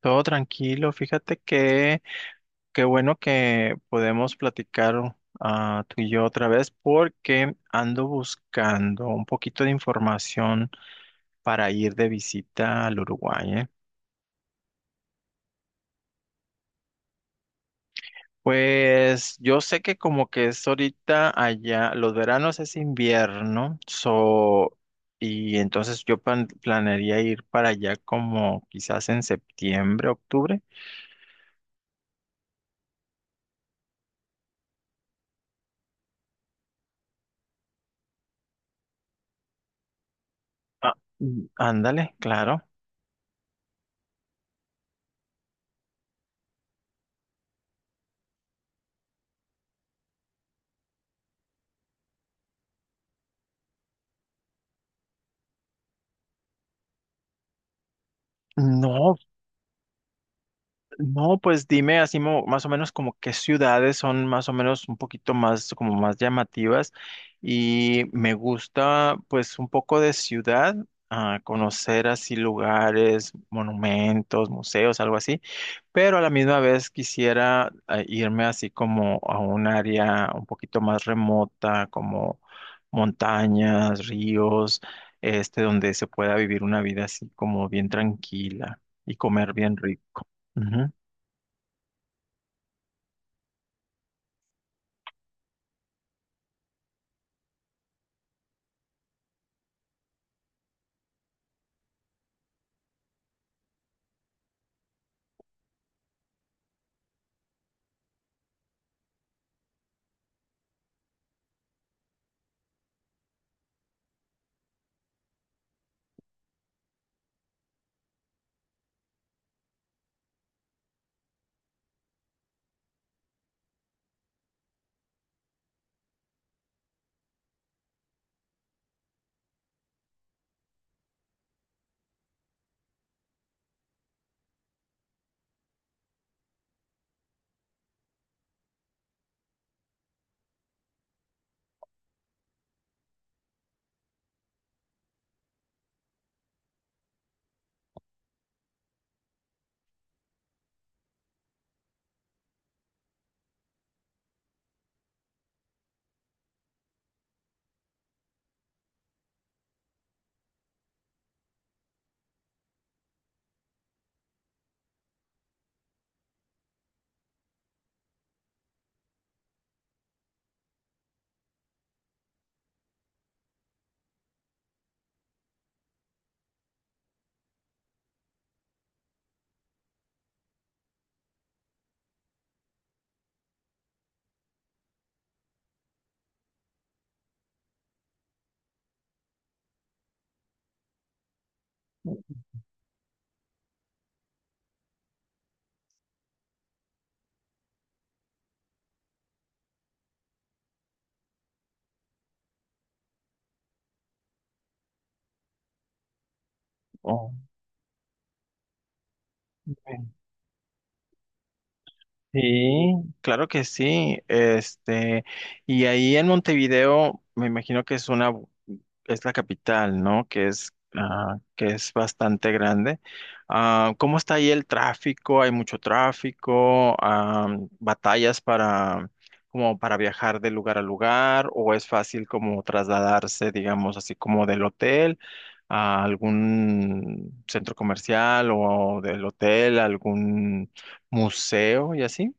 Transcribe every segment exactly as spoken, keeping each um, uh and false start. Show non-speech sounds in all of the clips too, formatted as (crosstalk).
Todo tranquilo, fíjate que qué bueno que podemos platicar ah, tú y yo otra vez porque ando buscando un poquito de información para ir de visita al Uruguay, ¿eh? Pues yo sé que como que es ahorita allá, los veranos es invierno, so, y entonces yo plan- planearía ir para allá como quizás en septiembre, octubre. Ah, mm, ándale, claro. No, no, pues dime así mo- más o menos como qué ciudades son más o menos un poquito más como más llamativas y me gusta pues un poco de ciudad, ah, conocer así lugares, monumentos, museos, algo así, pero a la misma vez quisiera ah, irme así como a un área un poquito más remota, como montañas, ríos, este donde se pueda vivir una vida así como bien tranquila y comer bien rico. Ujú. Oh, sí, claro que sí. Este, y ahí en Montevideo, me imagino que es una, es la capital, ¿no? Que es, ah, que es bastante grande. Ah, ¿cómo está ahí el tráfico? ¿Hay mucho tráfico? Ah, batallas para, como para viajar de lugar a lugar? ¿O es fácil como trasladarse, digamos, así como del hotel a algún centro comercial o del hotel, a algún museo y así?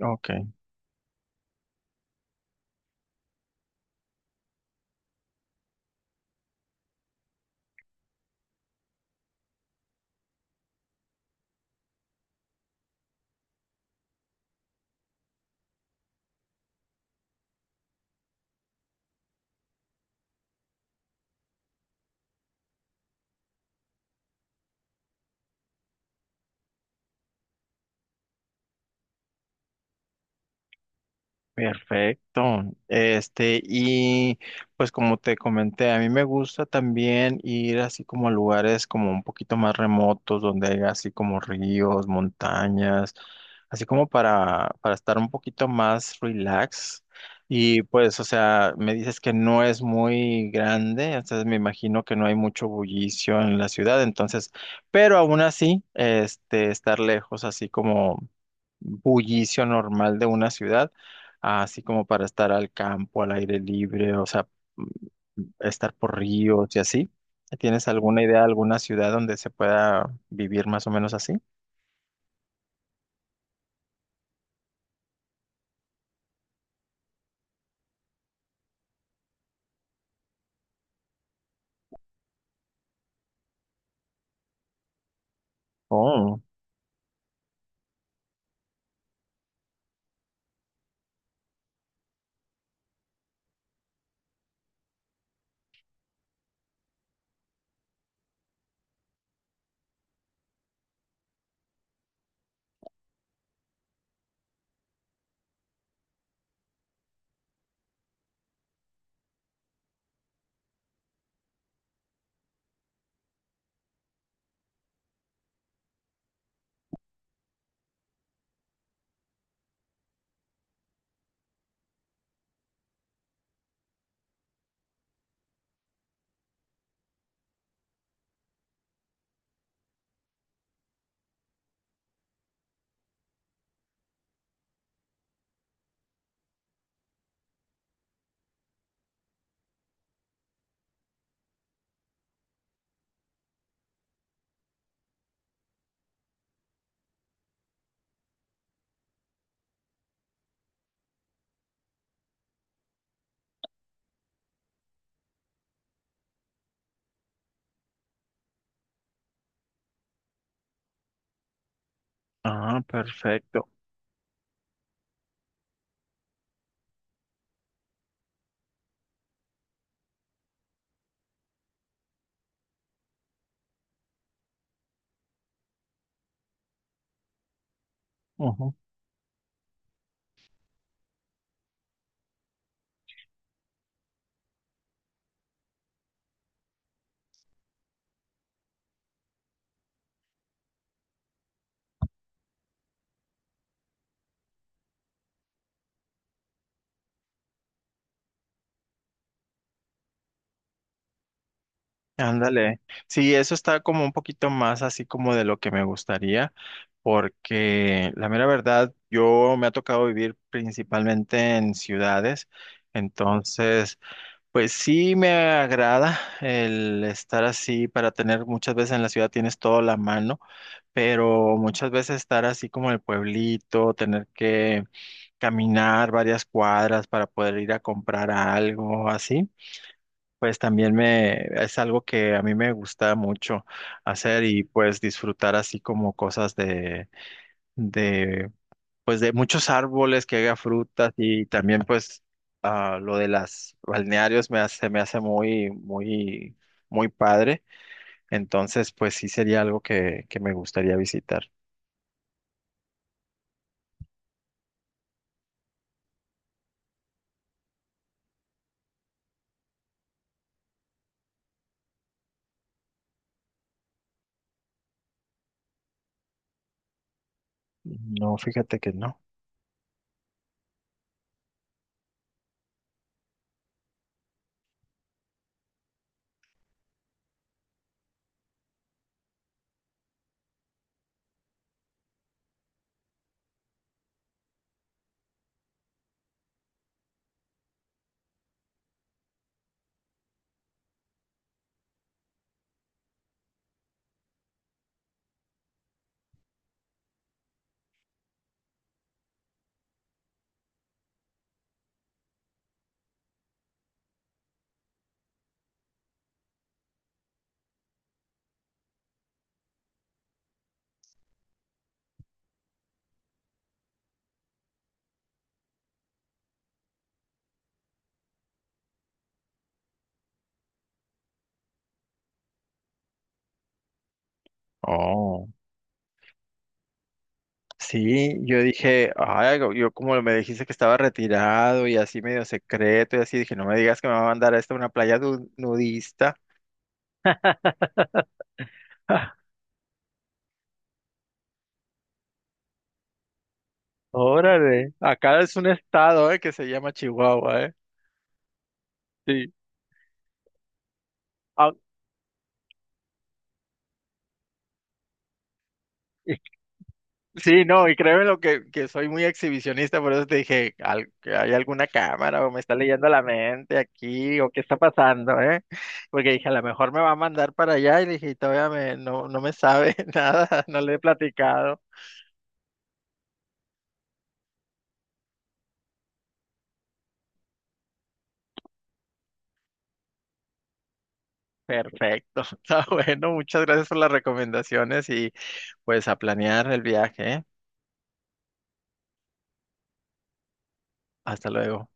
Ok, perfecto. Este, y pues como te comenté, a mí me gusta también ir así como a lugares como un poquito más remotos, donde hay así como ríos, montañas, así como para, para estar un poquito más relax. Y pues, o sea, me dices que no es muy grande, entonces me imagino que no hay mucho bullicio en la ciudad, entonces, pero aún así, este, estar lejos así como bullicio normal de una ciudad, así como para estar al campo, al aire libre, o sea, mm, estar por ríos y así. ¿Tienes alguna idea alguna ciudad donde se pueda vivir más o menos así? Oh, ah, perfecto. Ujú. Ándale. Sí, eso está como un poquito más así como de lo que me gustaría, porque la mera verdad, yo me ha tocado vivir principalmente en ciudades, entonces... Pues sí me agrada el estar así para tener muchas veces en la ciudad tienes todo a la mano, pero muchas veces estar así como en el pueblito, tener que caminar varias cuadras para poder ir a comprar algo así, pues también me es algo que a mí me gusta mucho hacer y pues disfrutar así como cosas de de, pues de muchos árboles que haga frutas y también pues ah, lo de las balnearios me hace, me hace muy, muy, muy padre. Entonces, pues sí sería algo que, que me gustaría visitar. No, fíjate que no. Oh. Sí, yo dije, ay, go- yo como me dijiste que estaba retirado y así medio secreto y así, dije, no me digas que me va a mandar a esta una playa du- nudista. (laughs) Órale, acá es un estado, eh, que se llama Chihuahua, eh. Sí. Ah, sí, no, y créeme lo que, que soy muy exhibicionista, por eso te dije, al- que ¿hay alguna cámara o me está leyendo la mente aquí o qué está pasando, eh? Porque dije, a lo mejor me va a mandar para allá y dije, y todavía me, no, no me sabe (laughs) nada, no le he platicado. Perfecto, (laughs) está bueno, muchas gracias por las recomendaciones y pues a planear el viaje, ¿eh? Hasta luego.